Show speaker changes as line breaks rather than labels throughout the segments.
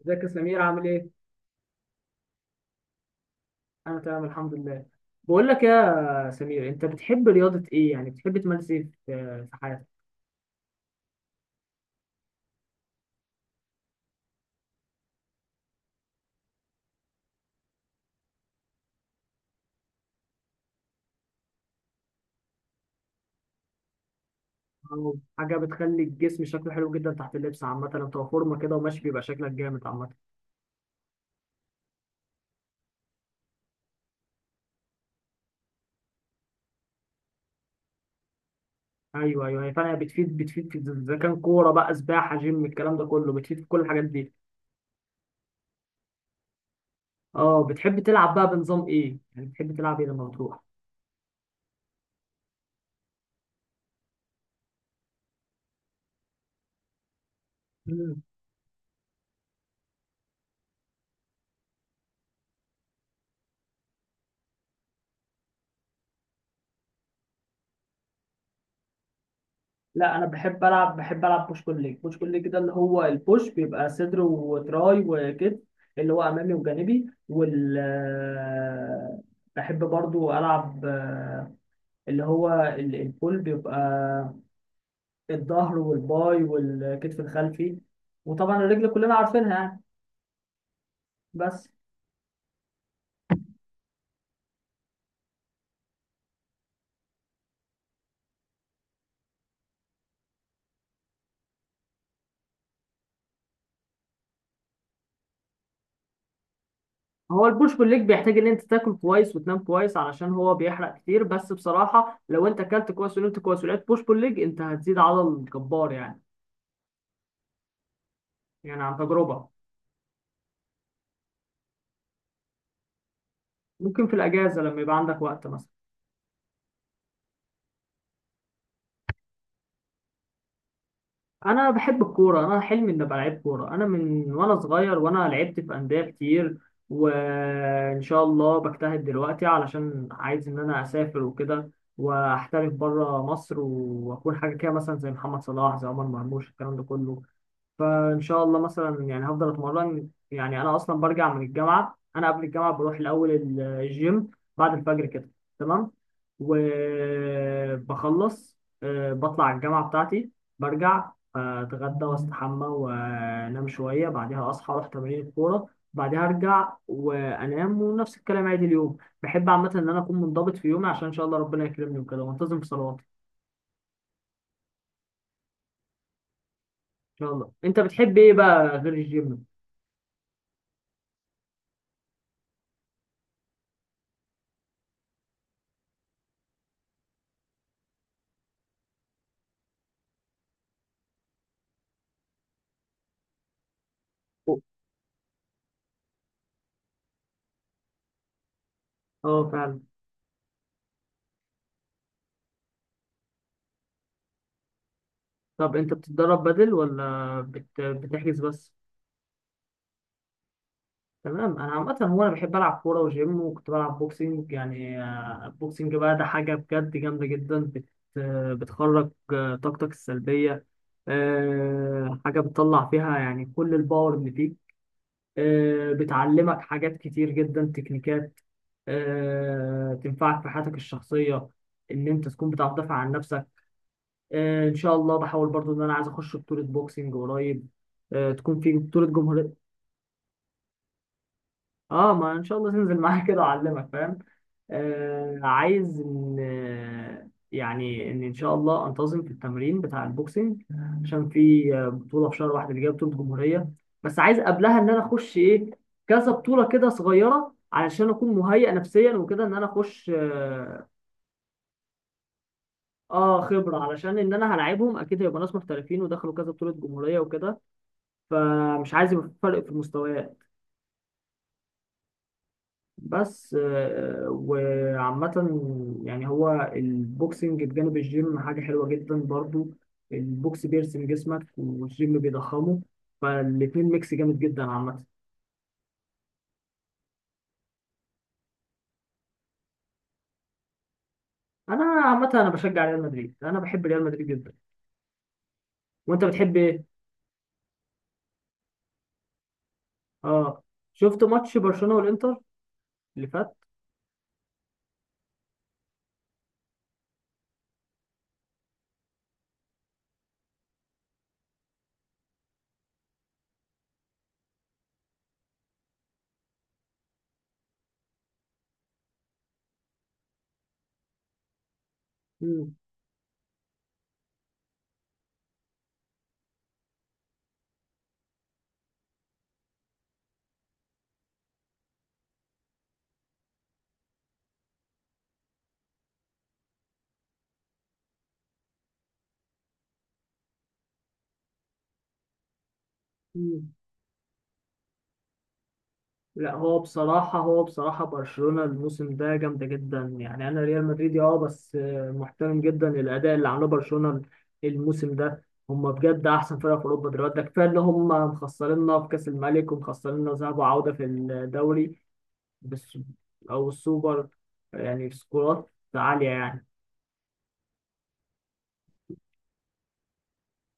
ازيك يا سمير عامل ايه؟ انا تمام الحمد لله. بقول لك يا سمير انت بتحب رياضة ايه؟ يعني بتحب تمارس ايه في حياتك؟ أو حاجة بتخلي الجسم شكله حلو جدا تحت اللبس، عامة لو تبقى فورمة كده وماشي بيبقى شكلك جامد عامة. ايوه ايوه، هي فعلا بتفيد في اذا كان كورة بقى سباحة جيم الكلام ده كله، بتفيد في كل الحاجات دي. اه بتحب تلعب بقى بنظام ايه؟ يعني بتحب تلعب ايه لما بتروح؟ لا انا بحب العب بوش بول ليج، بوش بول ليج ده اللي هو البوش بيبقى صدر وتراي وكتف، اللي هو امامي وجانبي وال بحب برضو العب اللي هو البول بيبقى الظهر والباي والكتف الخلفي، وطبعا الرجل كلنا عارفينها يعني. بس هو البوش بول ليج بيحتاج ان انت تاكل كويس وتنام كويس علشان هو بيحرق كتير، بس بصراحة لو انت اكلت كويس ونمت كويس ولعبت بوش بول ليج، انت هتزيد عضل جبار يعني، يعني عن تجربة. ممكن في الاجازه لما يبقى عندك وقت مثلا. انا بحب الكوره، انا حلمي اني ابقى لعيب كوره، انا من وانا صغير وانا لعبت في انديه كتير، وان شاء الله بجتهد دلوقتي علشان عايز ان انا اسافر وكده، واحترف بره مصر واكون حاجه كده مثلا زي محمد صلاح زي عمر مرموش الكلام ده كله. فان شاء الله مثلا يعني هفضل اتمرن، يعني انا اصلا برجع من الجامعه، انا قبل الجامعه بروح الاول الجيم بعد الفجر كده، تمام، وبخلص بطلع الجامعه بتاعتي، برجع اتغدى واستحمى وانام شويه، بعدها اصحى اروح تمارين الكوره، بعدها ارجع وانام ونفس الكلام عادي اليوم. بحب عامه ان انا اكون منضبط في يومي عشان ان شاء الله ربنا يكرمني وكده وانتظم في صلواتي. ان شاء الله انت بتحب ايه بقى غير الجيم؟ اه فعلا. طب انت بتتدرب بدل ولا بتحجز بس؟ تمام، انا عامه هو انا بحب العب كوره وجيم، وكنت بلعب بوكسنج يعني. البوكسنج بقى ده حاجه بجد جامده جدا بتخرج طاقتك السلبيه، حاجه بتطلع فيها يعني كل الباور اللي فيك، بتعلمك حاجات كتير جدا تكنيكات، تنفعك في حياتك الشخصيه، ان انت تكون بتعرف تدافع عن نفسك. ان شاء الله بحاول برضو ان انا عايز اخش بطولة بوكسنج قريب، تكون في بطولة جمهورية. اه ما ان شاء الله تنزل معايا كده اعلمك فاهم. عايز ان يعني ان ان شاء الله انتظم في التمرين بتاع البوكسنج، عشان في بطولة في شهر واحد اللي جايه، بطولة جمهورية. بس عايز قبلها ان انا اخش ايه، كذا بطولة كده صغيرة علشان اكون مهيئ نفسيا وكده ان انا اخش اه، خبرة علشان ان انا هلاعبهم اكيد هيبقى ناس محترفين ودخلوا كذا بطولة جمهورية وكده، فمش عايز يبقى في فرق في المستويات. بس وعامة يعني هو البوكسنج بجانب الجيم حاجة حلوة جدا برضو، البوكس بيرسم جسمك والجيم بيضخمه، فالاتنين ميكس جامد جدا عامة. أنا عامة أنا بشجع ريال مدريد، أنا بحب ريال مدريد جدا. وأنت بتحب إيه؟ آه، شفت ماتش برشلونة والإنتر اللي فات؟ مم. مم. لا هو بصراحة، هو بصراحة برشلونة الموسم ده جامدة جدا يعني، أنا ريال مدريدي أه، بس محترم جدا الأداء اللي عمله برشلونة الموسم ده، هما بجد أحسن فرقة في أوروبا دلوقتي. ده كفاية إن هما مخسريننا في كأس الملك ومخسريننا ذهاب وعودة في الدوري. بس أو السوبر، يعني سكورات عالية يعني.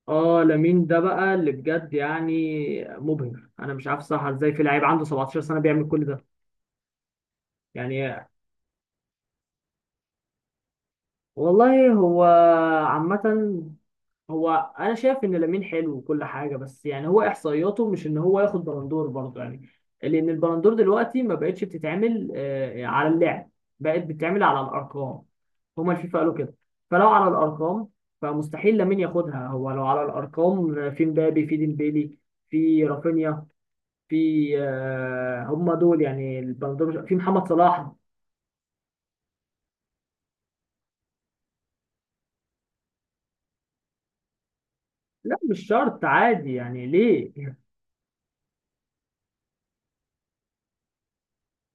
اه لامين ده بقى اللي بجد يعني مبهر، انا مش عارف صح ازاي في لعيب عنده 17 سنه بيعمل كل ده يعني. والله هو عامة، هو انا شايف ان لامين حلو وكل حاجه، بس يعني هو احصائياته مش ان هو ياخد بلندور برضه يعني. لان البلندور دلوقتي ما بقتش بتتعمل على اللعب، بقت بتتعمل على الارقام. هما الفيفا قالوا كده. فلو على الارقام، فمستحيل لامين ياخدها. هو لو على الارقام في مبابي، في ديمبيلي، في رافينيا، في هما دول يعني البلندور، في محمد صلاح. لا مش شرط عادي يعني ليه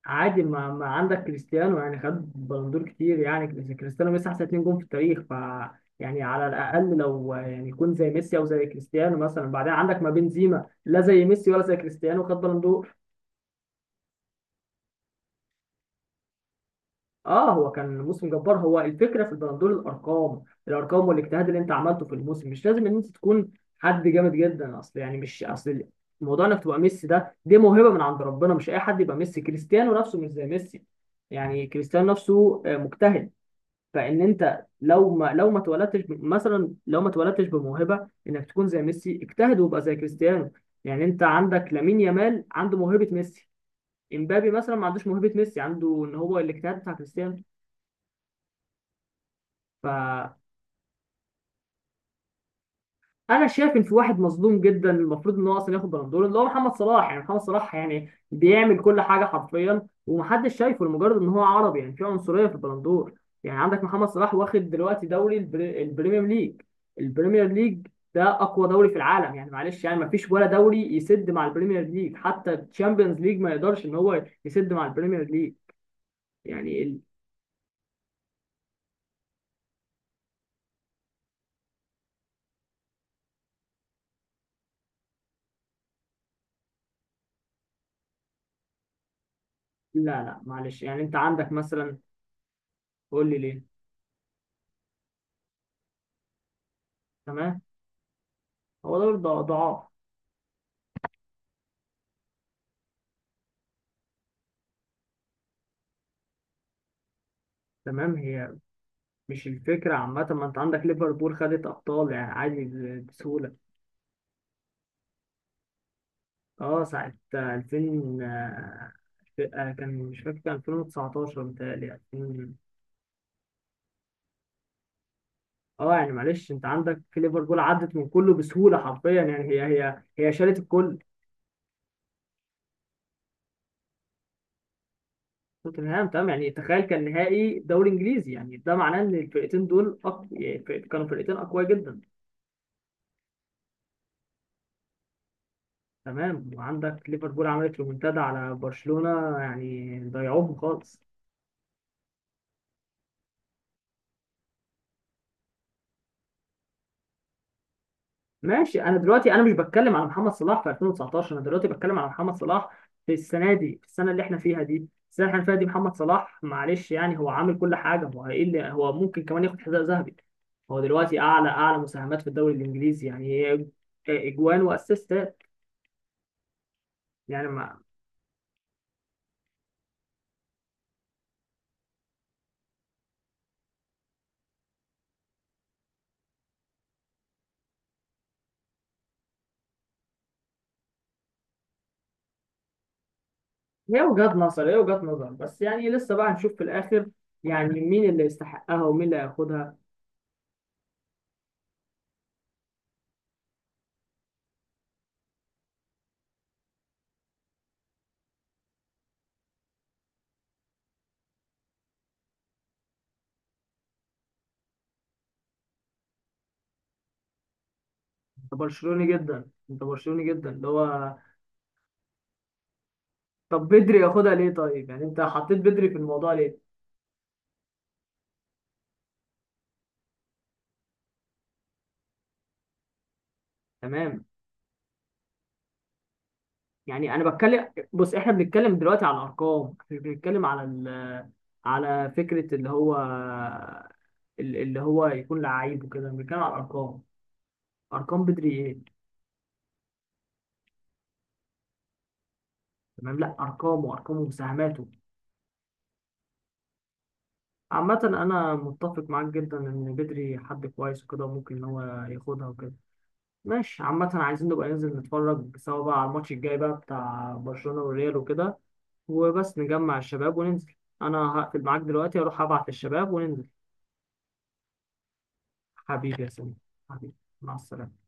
عادي، ما عندك كريستيانو يعني خد بلندور كتير يعني. كريستيانو ميسي احسن اتنين جون في التاريخ، ف يعني على الاقل لو يعني يكون زي ميسي او زي كريستيانو مثلا. بعدين عندك ما بنزيما لا زي ميسي ولا زي كريستيانو، خد بلندور. اه هو كان موسم جبار، هو الفكره في البلندور الارقام، الارقام والاجتهاد اللي انت عملته في الموسم، مش لازم ان انت تكون حد جامد جدا اصل، يعني مش اصل، موضوع انك تبقى ميسي ده، دي موهبه من عند ربنا، مش اي حد يبقى ميسي. كريستيانو نفسه مش زي ميسي يعني، كريستيانو نفسه مجتهد. فان انت لو ما اتولدتش مثلا، لو ما اتولدتش بموهبه انك تكون زي ميسي، اجتهد وابقى زي كريستيانو. يعني انت عندك لامين يامال عنده موهبه ميسي، امبابي مثلا ما عندوش موهبه ميسي، عنده ان هو الاجتهاد بتاع كريستيانو. ف انا شايف ان في واحد مظلوم جدا، المفروض ان هو اصلا ياخد بالون دور، اللي هو محمد صلاح. يعني محمد صلاح يعني بيعمل كل حاجه حرفيا ومحدش شايفه لمجرد ان هو عربي، يعني في عنصريه في البالون دور. يعني عندك محمد صلاح واخد دلوقتي دوري البريمير ليج، البريمير ليج ده اقوى دوري في العالم يعني، معلش يعني مفيش ولا دوري يسد مع البريمير ليج، حتى الشامبيونز ليج ما يقدرش ان هو يسد مع البريمير ليج. يعني ال... لا لا معلش يعني انت عندك مثلا. قول لي ليه. تمام. هو دوري ضعاف. تمام هي. مش الفكرة عامة، ما انت عندك ليفربول خدت أبطال يعني عادي بسهولة. اه ساعة 2000، آه، كان مش فاكر، كان 2019 متهيألي 2000. اه يعني معلش انت عندك في ليفربول عدت من كله بسهولة حرفيا، يعني هي شالت الكل. توتنهام تمام، يعني تخيل كان نهائي دوري انجليزي، يعني ده معناه ان الفرقتين دول يعني كانوا فرقتين اقوياء جدا. تمام وعندك ليفربول عملت ريمونتادا على برشلونة يعني ضيعوهم خالص. ماشي، انا دلوقتي انا مش بتكلم على محمد صلاح في 2019، انا دلوقتي بتكلم على محمد صلاح في السنه دي، في السنه اللي احنا فيها دي، السنه اللي احنا فيها دي محمد صلاح معلش يعني هو عامل كل حاجه، هو ايه اللي هو ممكن كمان ياخد حذاء ذهبي. هو دلوقتي اعلى مساهمات في الدوري الانجليزي يعني، هي اجوان واسيستات يعني ما... هي وجهات نظر، هي وجهات نظر بس يعني، لسه بقى هنشوف في الاخر يعني مين اللي يستحقها ومين اللي هياخدها. انت برشلوني جدا، انت برشلوني جدا اللي هو. طب بدري ياخدها ليه طيب، يعني انت حطيت بدري في الموضوع ليه؟ تمام، يعني انا بتكلم، بص احنا بنتكلم دلوقتي على الارقام، احنا بنتكلم على ال... على فكره اللي هو اللي هو يكون لعيب وكده، بنتكلم على الارقام. ارقام بدري ايه؟ تمام، لا ارقامه ومساهماته. عامه انا متفق معاك جدا ان بدري حد كويس وكده وممكن ان هو ياخدها وكده. ماشي، عامه عايزين نبقى ننزل نتفرج سوا بقى على الماتش الجاي بقى بتاع برشلونه والريال وكده، وبس نجمع الشباب وننزل. انا هقفل معاك دلوقتي، اروح ابعت الشباب وننزل. حبيبي يا سمير، حبيبي، مع السلامة.